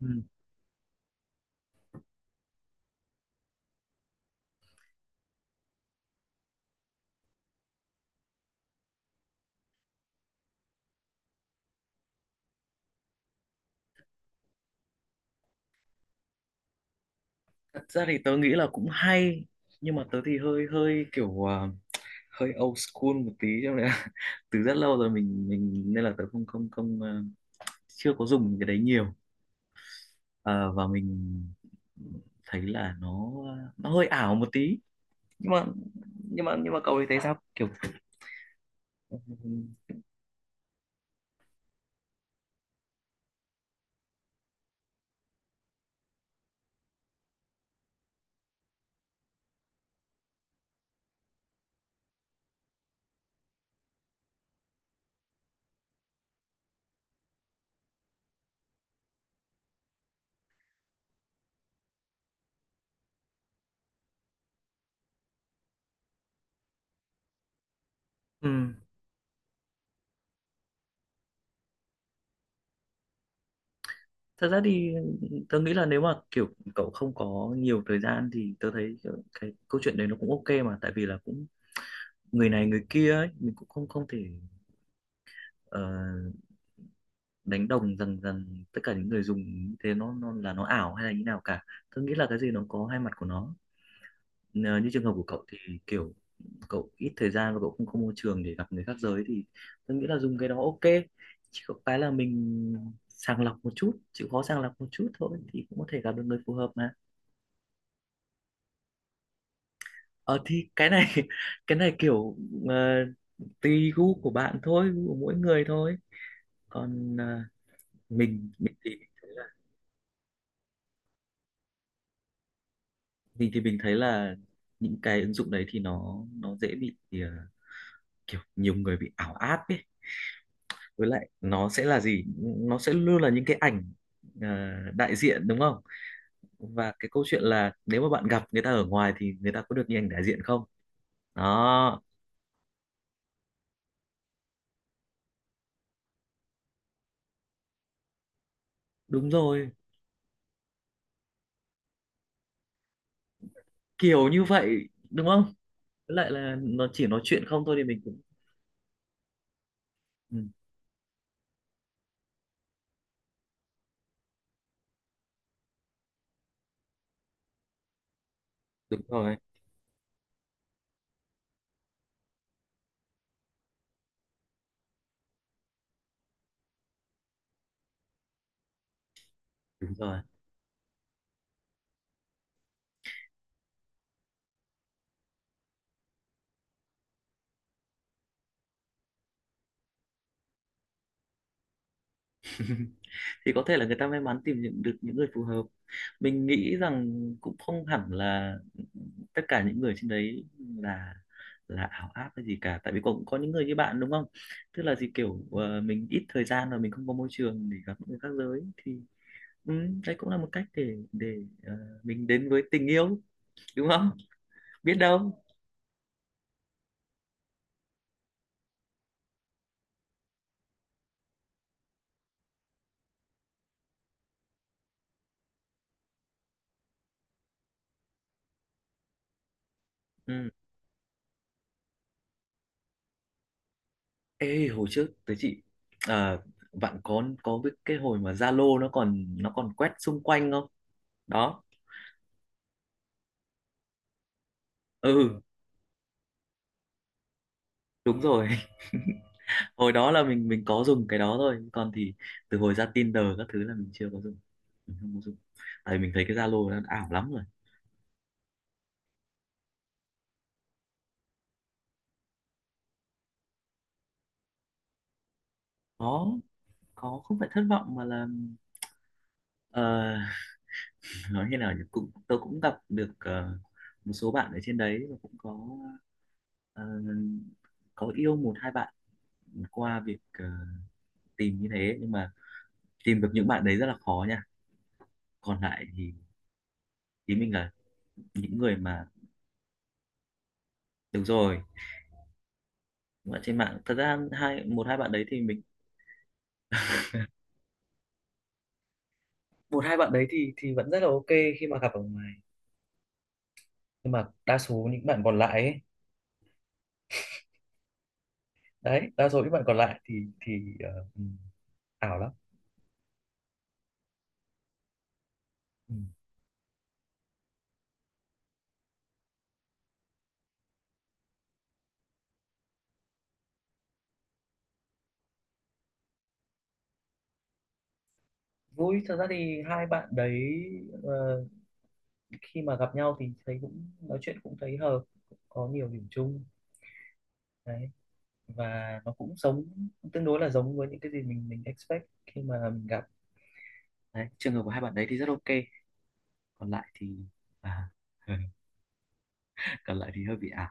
Ừ. Thật ra thì tớ nghĩ là cũng hay nhưng mà tớ thì hơi hơi kiểu hơi old school một tí cho nên là từ rất lâu rồi mình nên là tớ không không không chưa có dùng cái đấy nhiều. Ờ, và mình thấy là nó nó hơi ảo một tí nhưng mà cậu thì thấy sao kiểu. Ừ. Thật ra thì tớ nghĩ là nếu mà kiểu cậu không có nhiều thời gian thì tớ thấy kiểu cái câu chuyện đấy nó cũng ok mà, tại vì là cũng người này người kia ấy, mình cũng không không thể ờ, đánh đồng rằng rằng tất cả những người dùng như thế nó là nó ảo hay là như nào cả. Tớ nghĩ là cái gì nó có hai mặt của nó. Ờ, như trường hợp của cậu thì kiểu cậu ít thời gian và cậu không có môi trường để gặp người khác giới thì tớ nghĩ là dùng cái đó ok, chỉ có cái là mình sàng lọc một chút, chịu khó sàng lọc một chút thôi thì cũng có thể gặp được người phù hợp mà. Ờ thì cái này cái này kiểu ờ, tùy gu của bạn thôi, gu của mỗi người thôi. Còn mình thì mình thấy là mình thì mình thấy là những cái ứng dụng đấy thì nó dễ bị kiểu nhiều người bị ảo áp ấy, với lại nó sẽ là gì, nó sẽ luôn là những cái ảnh ờ, đại diện đúng không, và cái câu chuyện là nếu mà bạn gặp người ta ở ngoài thì người ta có được như ảnh đại diện không. Đó. Đúng rồi, kiểu như vậy đúng không. Với lại là nó chỉ nói chuyện không thôi thì mình cũng. Ừ, đúng rồi, đúng rồi. Thì có thể là người ta may mắn được những người phù hợp. Mình nghĩ rằng cũng không hẳn là tất cả những người trên đấy là ảo áp hay gì cả. Tại vì cũng có những người như bạn đúng không? Tức là gì, kiểu mình ít thời gian và mình không có môi trường để gặp những người khác giới thì, ừ, đấy cũng là một cách để ờ, mình đến với tình yêu đúng không? Biết đâu. Ừ. Ê, hồi trước tới chị à, bạn có biết cái hồi mà Zalo nó còn quét xung quanh không? Đó. Ừ, đúng rồi. Hồi đó là mình có dùng cái đó thôi, còn thì từ hồi ra Tinder các thứ là mình chưa có dùng. Mình không có dùng. Tại mình thấy cái Zalo nó ảo lắm rồi. Có có không phải thất vọng mà là ờ, nói như nào nhỉ? Cũng tôi cũng gặp được một số bạn ở trên đấy, và cũng có ờ, có yêu một hai bạn qua việc tìm như thế, nhưng mà tìm được những bạn đấy rất là khó nha, còn lại thì ý mình là những người mà được rồi, những bạn trên mạng thật ra một hai bạn đấy thì mình một hai bạn đấy thì vẫn rất là ok khi mà gặp ở ngoài, nhưng mà đa số những bạn còn lại ấy, đấy đa số những bạn còn lại thì thì ờ, ừ, ảo lắm. Ừ. Vui thật ra thì hai bạn đấy ờ, khi mà gặp nhau thì thấy cũng nói chuyện, cũng thấy hợp, cũng có nhiều điểm chung. Đấy, và nó cũng giống tương đối là giống với những cái gì mình expect khi mà mình gặp. Đấy, trường hợp của hai bạn đấy thì rất ok, còn lại thì à, còn lại thì hơi bị ảo.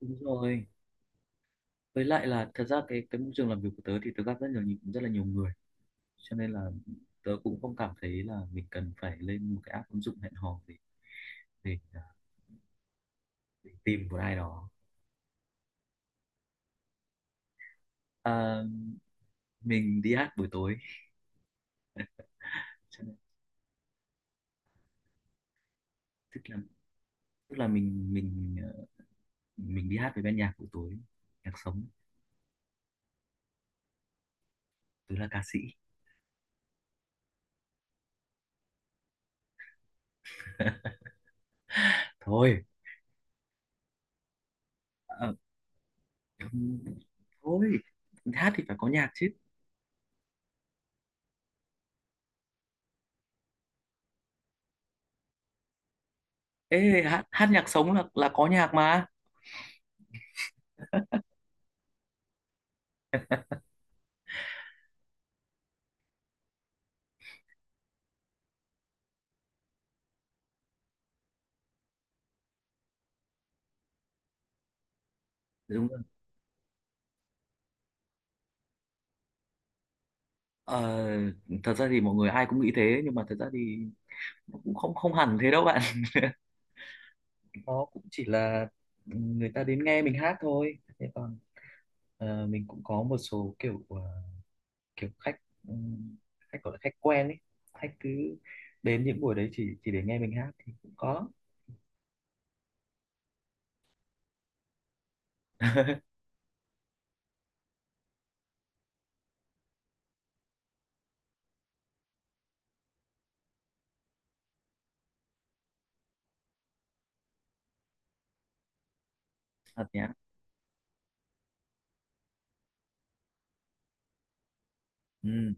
Đúng rồi, với lại là thật ra cái môi trường làm việc của tớ thì tớ gặp rất nhiều rất là nhiều người, cho nên là tớ cũng không cảm thấy là mình cần phải lên một cái app ứng dụng hẹn hò để, à, để tìm một ai đó. À, mình đi hát buổi tối, cho nên, tức là tức là mình mình đi hát với ban nhạc buổi tối, nhạc sống. Tớ là ca sĩ thôi. ờ, Thôi, hát thì phải có nhạc chứ. Ê hát, hát nhạc sống là có nhạc mà. Đúng rồi. ờ, Thật ra thì mọi người ai cũng nghĩ thế, nhưng mà thật ra thì nó cũng không không hẳn thế đâu bạn. Nó cũng chỉ là người ta đến nghe mình hát thôi, thế còn mình cũng có một số kiểu kiểu khách, khách gọi là khách quen ấy, khách cứ đến những buổi đấy chỉ để nghe mình hát thì cũng có. Thật nhá. Ừ.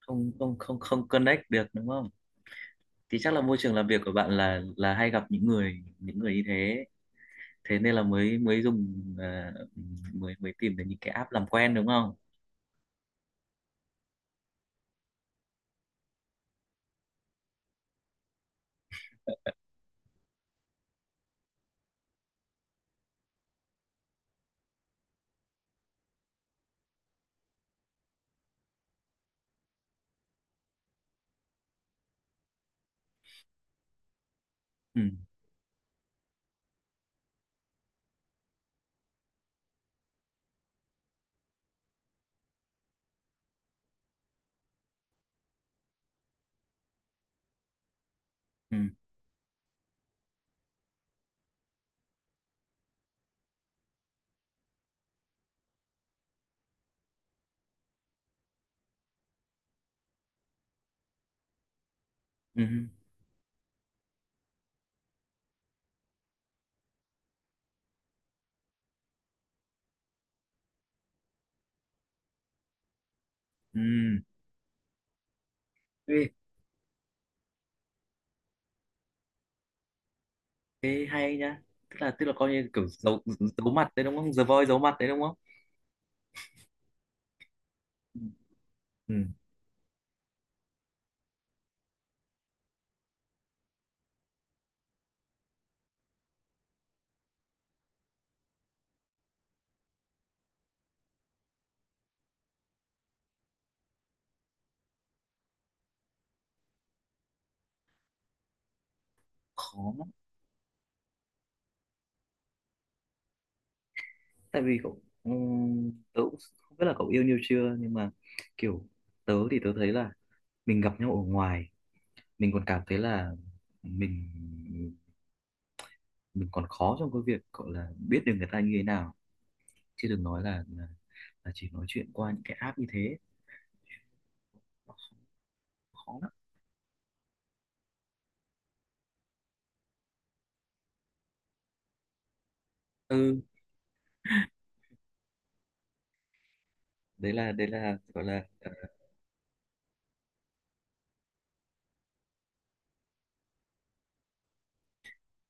không không không không connect được đúng không, thì chắc là môi trường làm việc của bạn là hay gặp những người như thế, thế nên là mới mới dùng mới mới tìm đến những cái app làm quen đúng không. Ừ, ừ. Ừ, ừ. Ừ. Ê, thế hay nhá, tức là coi như kiểu giấu giấu mặt đấy đúng không, The Voice giấu mặt đấy đúng không. Ừ, ừ. Khó lắm. Tại vì cậu, ừ, tớ cũng không biết là cậu yêu nhau chưa nhưng mà kiểu tớ thì tớ thấy là mình gặp nhau ở ngoài mình còn cảm thấy là mình mình còn khó trong cái việc gọi là biết được người ta như thế nào, chứ đừng nói là chỉ nói chuyện qua những cái app như thế. Nó khó, khó lắm. Ừ, đấy là gọi là.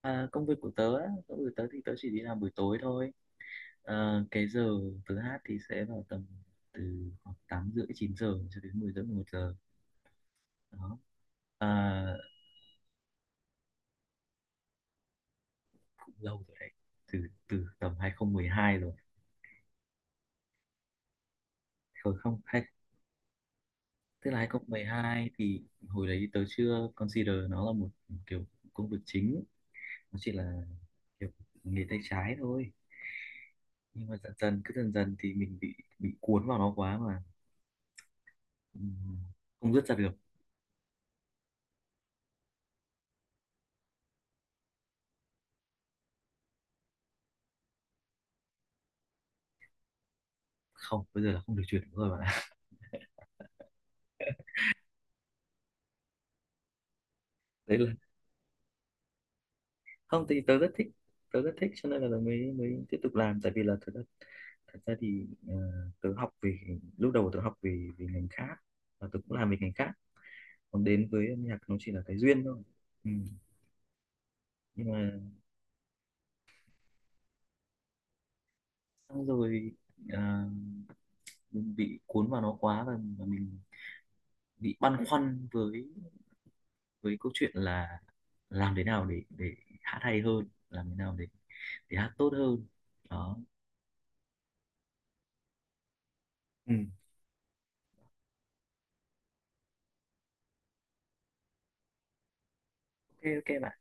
Công việc của tớ á, công việc của tớ thì tớ chỉ đi làm buổi tối thôi. Ờ, cái giờ tớ hát thì sẽ vào tầm từ khoảng 8:30 9 giờ cho đến 10:30 11 giờ. Đó. à, Cũng lâu rồi đấy, từ từ tầm 2012 rồi. Không, không. Tức là 2012 thì hồi đấy tớ chưa consider nó là một kiểu công việc chính, nó chỉ là kiểu nghề tay trái thôi. Nhưng mà dần dần cứ dần dần thì mình bị cuốn vào nó quá mà, ừm, không dứt ra được. Không, bây giờ là không được chuyển nữa rồi bạn ạ. Đấy là không, thì tớ rất thích cho nên là mới mới tiếp tục làm, tại vì là thật ra, thật ra thì tớ học về lúc đầu tớ học về về ngành khác và tớ cũng làm về ngành khác, còn đến với âm nhạc nó chỉ là cái duyên thôi. Ừ. Nhưng mà xong rồi à, mình bị cuốn vào nó quá, và mình bị băn khoăn với câu chuyện là làm thế nào để hát hay hơn, làm thế nào để hát tốt hơn. Đó. Ừ. Ok ok bạn.